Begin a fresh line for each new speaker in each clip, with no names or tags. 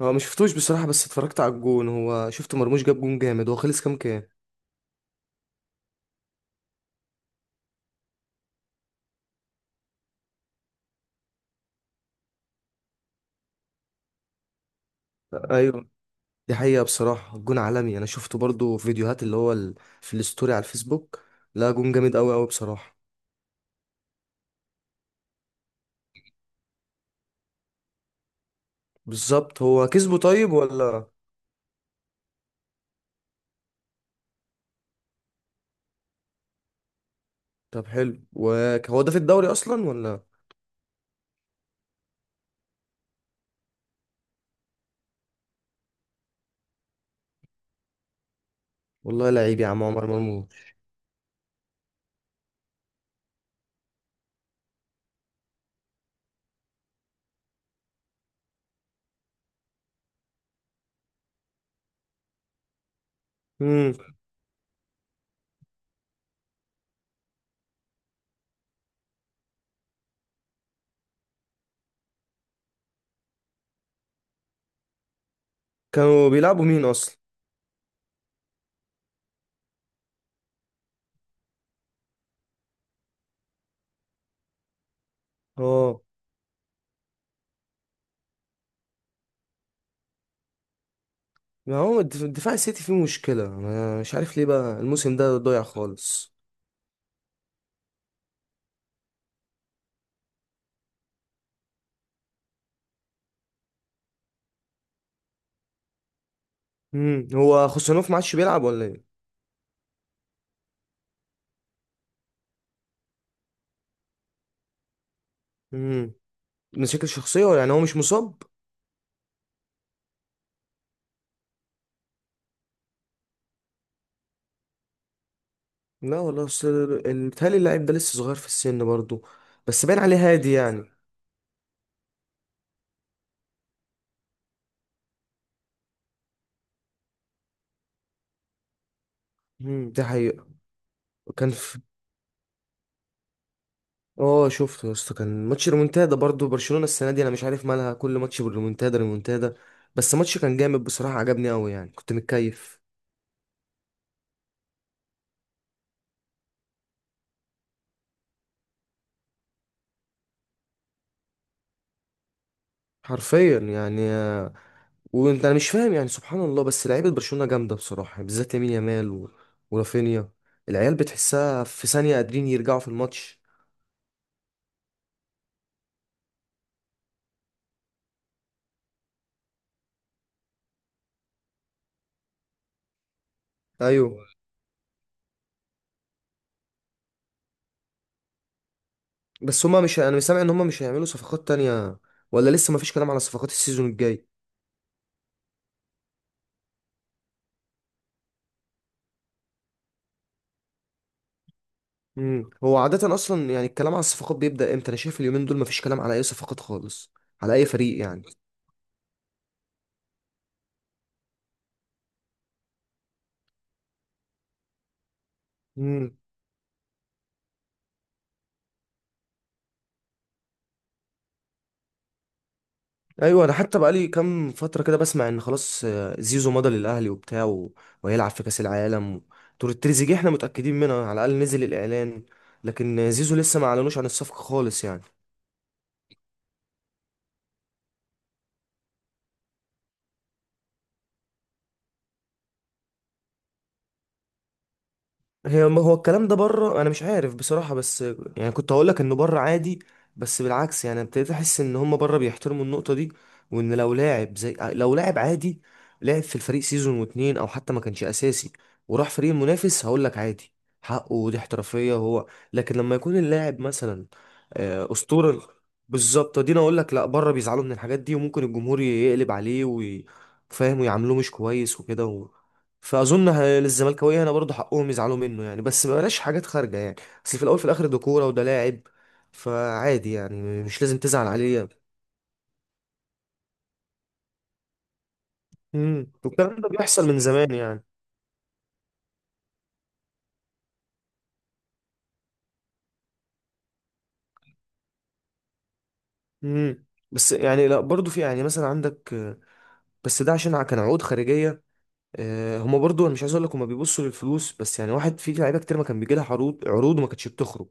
هو ما شفتوش بصراحة، بس اتفرجت على الجون. هو شفت مرموش جاب جون جامد. هو خلص كام كام؟ ايوه، دي حقيقة. بصراحة الجون عالمي، انا شفته برضو في فيديوهات اللي هو في الستوري على الفيسبوك. لا، جون جامد قوي قوي بصراحة. بالظبط. هو كسبه طيب ولا؟ طب حلو. وهو ده في الدوري اصلا ولا؟ والله لعيب يا عم، عمر مرموش. امم كانوا بيلعبوا مين اصلا؟ اه، ما هو دفاع السيتي فيه مشكلة. انا مش عارف ليه بقى الموسم ده ضايع خالص. هو خوسانوف ما عادش بيلعب ولا؟ ايه، مشاكل شخصية ولا يعني هو مش مصاب؟ لا والله، أصل بيتهيألي اللاعب ده لسه صغير في السن برضه. بس باين عليه هادي يعني. ده حقيقة. كان في اه شفته يا اسطى، كان ماتش ريمونتادا برضه. برشلونة السنة دي انا مش عارف مالها، كل ماتش بالريمونتادا ريمونتادا. بس ماتش كان جامد بصراحة، عجبني قوي يعني، كنت متكيف. حرفيا يعني. انا مش فاهم يعني، سبحان الله. بس لعيبة برشلونة جامدة بصراحة، بالذات يمين يامال ورافينيا. العيال بتحسها في ثانية قادرين يرجعوا في الماتش. ايوه، بس هما مش انا مش سامع ان هما مش هيعملوا صفقات تانية، ولا لسه مفيش كلام على صفقات السيزون الجاي. هو عادة اصلا يعني الكلام على الصفقات بيبدأ امتى؟ انا شايف اليومين دول مفيش كلام على اي صفقات خالص، على اي فريق يعني. امم ايوه، انا حتى بقالي كام فترة كده بسمع ان خلاص، زيزو مضى للاهلي وبتاع وهيلعب في كأس العالم. تور التريزيجيه احنا متأكدين منها، على الاقل نزل الاعلان. لكن زيزو لسه ما اعلنوش عن الصفقة خالص يعني. هو الكلام ده بره انا مش عارف بصراحة، بس يعني كنت هقول لك انه بره عادي. بس بالعكس يعني ابتديت احس ان هم بره بيحترموا النقطة دي. وان لو لاعب زي لو لاعب عادي لعب في الفريق سيزون واتنين او حتى ما كانش اساسي وراح فريق منافس، هقول لك عادي، حقه، ودي احترافية هو. لكن لما يكون اللاعب مثلا اسطورة. بالظبط، دي انا اقول لك لا، بره بيزعلوا من الحاجات دي، وممكن الجمهور يقلب عليه فاهم، ويعاملوه مش كويس وكده. فاظن للزملكاويه هنا برضه حقهم يزعلوا منه يعني، بس بلاش حاجات خارجه يعني. اصل في الاول في الاخر ده كوره وده لاعب، فعادي يعني مش لازم تزعل عليه. والكلام ده بيحصل من زمان يعني. امم بس يعني لا، برضه في يعني مثلا عندك بس ده عشان كان عقود خارجيه. هما برضه انا مش عايز اقول لك هما بيبصوا للفلوس، بس يعني واحد في لعيبه كتير ما كان بيجي لها عروض عروض وما كانتش بتخرج.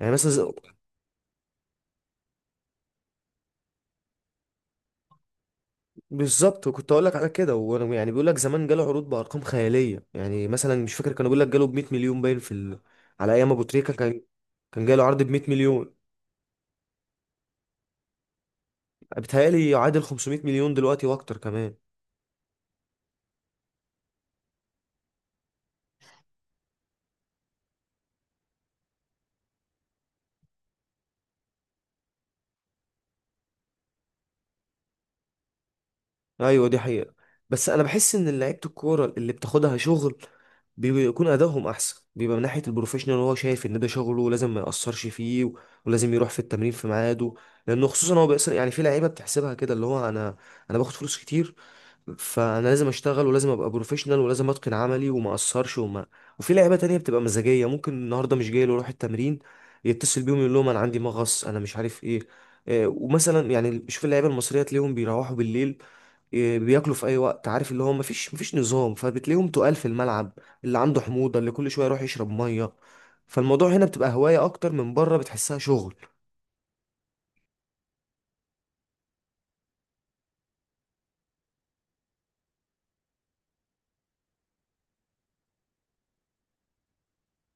يعني مثلا، بالظبط، وكنت اقول لك على كده. وانا يعني بيقول لك زمان جاله عروض بارقام خياليه، يعني مثلا مش فاكر، كانوا بيقول لك جاله ب 100 مليون، باين في على ايام ابو تريكه كان، كان جاله عرض ب 100 مليون. بيتهيألي يعادل 500 مليون دلوقتي واكتر كمان. ايوه دي حقيقه. بس انا بحس ان لعيبه الكوره اللي بتاخدها شغل بيكون ادائهم احسن، بيبقى من ناحيه البروفيشنال هو شايف ان ده شغله ولازم ما ياثرش فيه ولازم يروح في التمرين في ميعاده. لانه خصوصا هو بيأثر يعني، في لعيبه بتحسبها كده اللي هو انا باخد فلوس كتير، فانا لازم اشتغل ولازم ابقى بروفيشنال ولازم اتقن عملي وما اقصرش وما. وفي لعيبه تانية بتبقى مزاجيه، ممكن النهارده مش جاي له يروح التمرين، يتصل بيهم يقول لهم انا عندي مغص، انا مش عارف ايه. ومثلا يعني شوف اللعيبه المصريه تلاقيهم بيروحوا بالليل، بياكلوا في اي وقت، عارف اللي هو مفيش نظام، فبتلاقيهم تقال في الملعب، اللي عنده حموضه، اللي كل شويه يروح يشرب ميه. فالموضوع هنا بتبقى هوايه اكتر، من بره بتحسها شغل.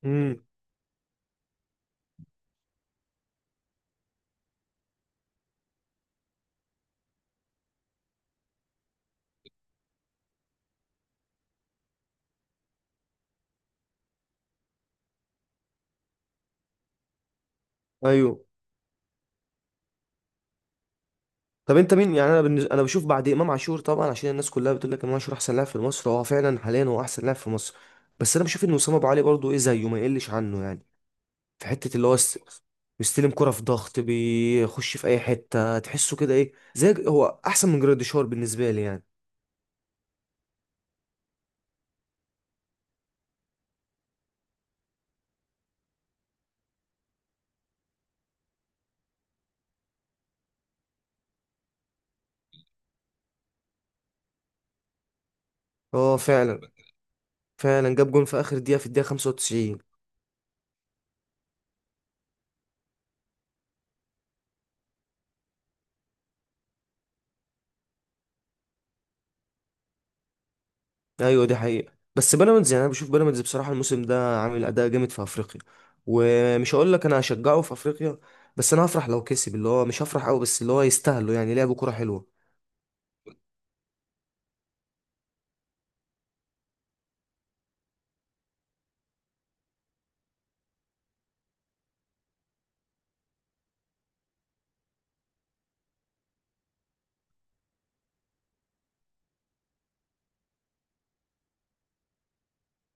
امم ايوه، طب انت مين يعني؟ انا بشوف بعد امام عاشور طبعا، عشان الناس كلها بتقول لك امام عاشور احسن لاعب في مصر. هو فعلا حاليا هو احسن لاعب في مصر. بس انا بشوف ان وسام ابو علي برضه ايه زيه ما يقلش عنه يعني. في حته اللي هو بيستلم كرة في ضغط، بيخش في اي حته تحسه كده، ايه زي هو احسن من جراديشار بالنسبه لي يعني. اه فعلا. فعلا جاب جون في اخر دقيقه، في الدقيقه 95. ايوه دي حقيقة. بس بيراميدز يعني انا بشوف بيراميدز بصراحة الموسم ده عامل اداء جامد في افريقيا، ومش هقول لك انا هشجعه في افريقيا، بس انا هفرح لو كسب، اللي هو مش هفرح قوي بس اللي هو يستاهلوا يعني، لعبوا كرة حلوة.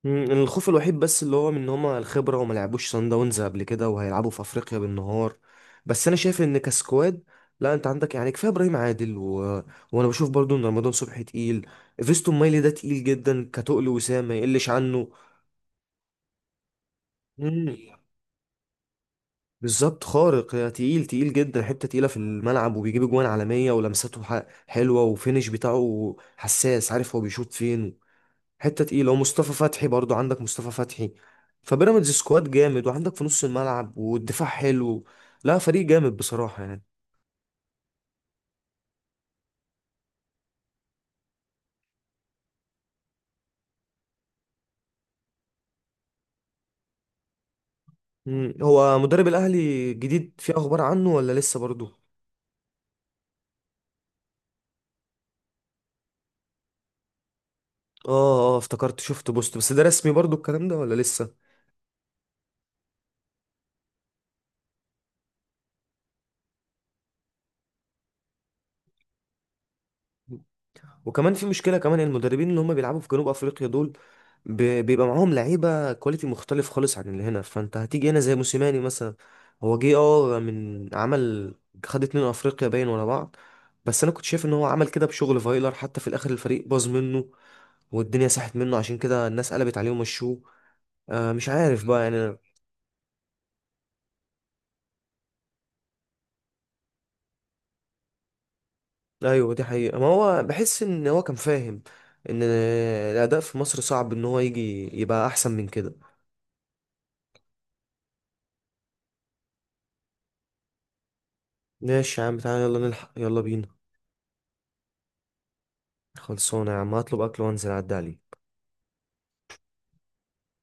الخوف الوحيد بس اللي هو من ان هما الخبرة وما لعبوش صن داونز قبل كده، وهيلعبوا في افريقيا بالنهار. بس انا شايف ان كسكواد، لا انت عندك يعني كفايه ابراهيم عادل وانا بشوف برضو ان رمضان صبحي تقيل. فيستون مايلي ده تقيل جدا، كتقل وسام ما يقلش عنه. مم. بالظبط خارق يا، تقيل تقيل جدا، حتة تقيلة في الملعب، وبيجيب اجوان عالمية، ولمساته حلوة، وفينش بتاعه حساس عارف هو بيشوط فين. حتة تقيلة. ومصطفى فتحي برضو، عندك مصطفى فتحي. فبيراميدز سكواد جامد، وعندك في نص الملعب والدفاع حلو. لا فريق جامد بصراحة يعني. مم. هو مدرب الأهلي الجديد في أخبار عنه ولا لسه برضو؟ اه، اه، افتكرت شفت بوست، بس ده رسمي برضو الكلام ده ولا لسه؟ وكمان في مشكله كمان، المدربين اللي هم بيلعبوا في جنوب افريقيا دول بيبقى معاهم لعيبه كواليتي مختلف خالص عن اللي هنا، فانت هتيجي هنا زي موسيماني مثلا. هو جه من عمل، خد اتنين افريقيا باين ورا بعض. بس انا كنت شايف ان هو عمل كده بشغل فايلر، حتى في الاخر الفريق باظ منه، والدنيا ساحت منه، عشان كده الناس قلبت عليه ومشوه. مش عارف بقى يعني. ايوه دي حقيقة، ما هو بحس ان هو كان فاهم ان الاداء في مصر صعب ان هو يجي يبقى احسن من كده. ماشي يا عم، تعالى يلا نلحق، يلا بينا. خلصانة يا عم، هطلب أكل وأنزل أعدي عليك.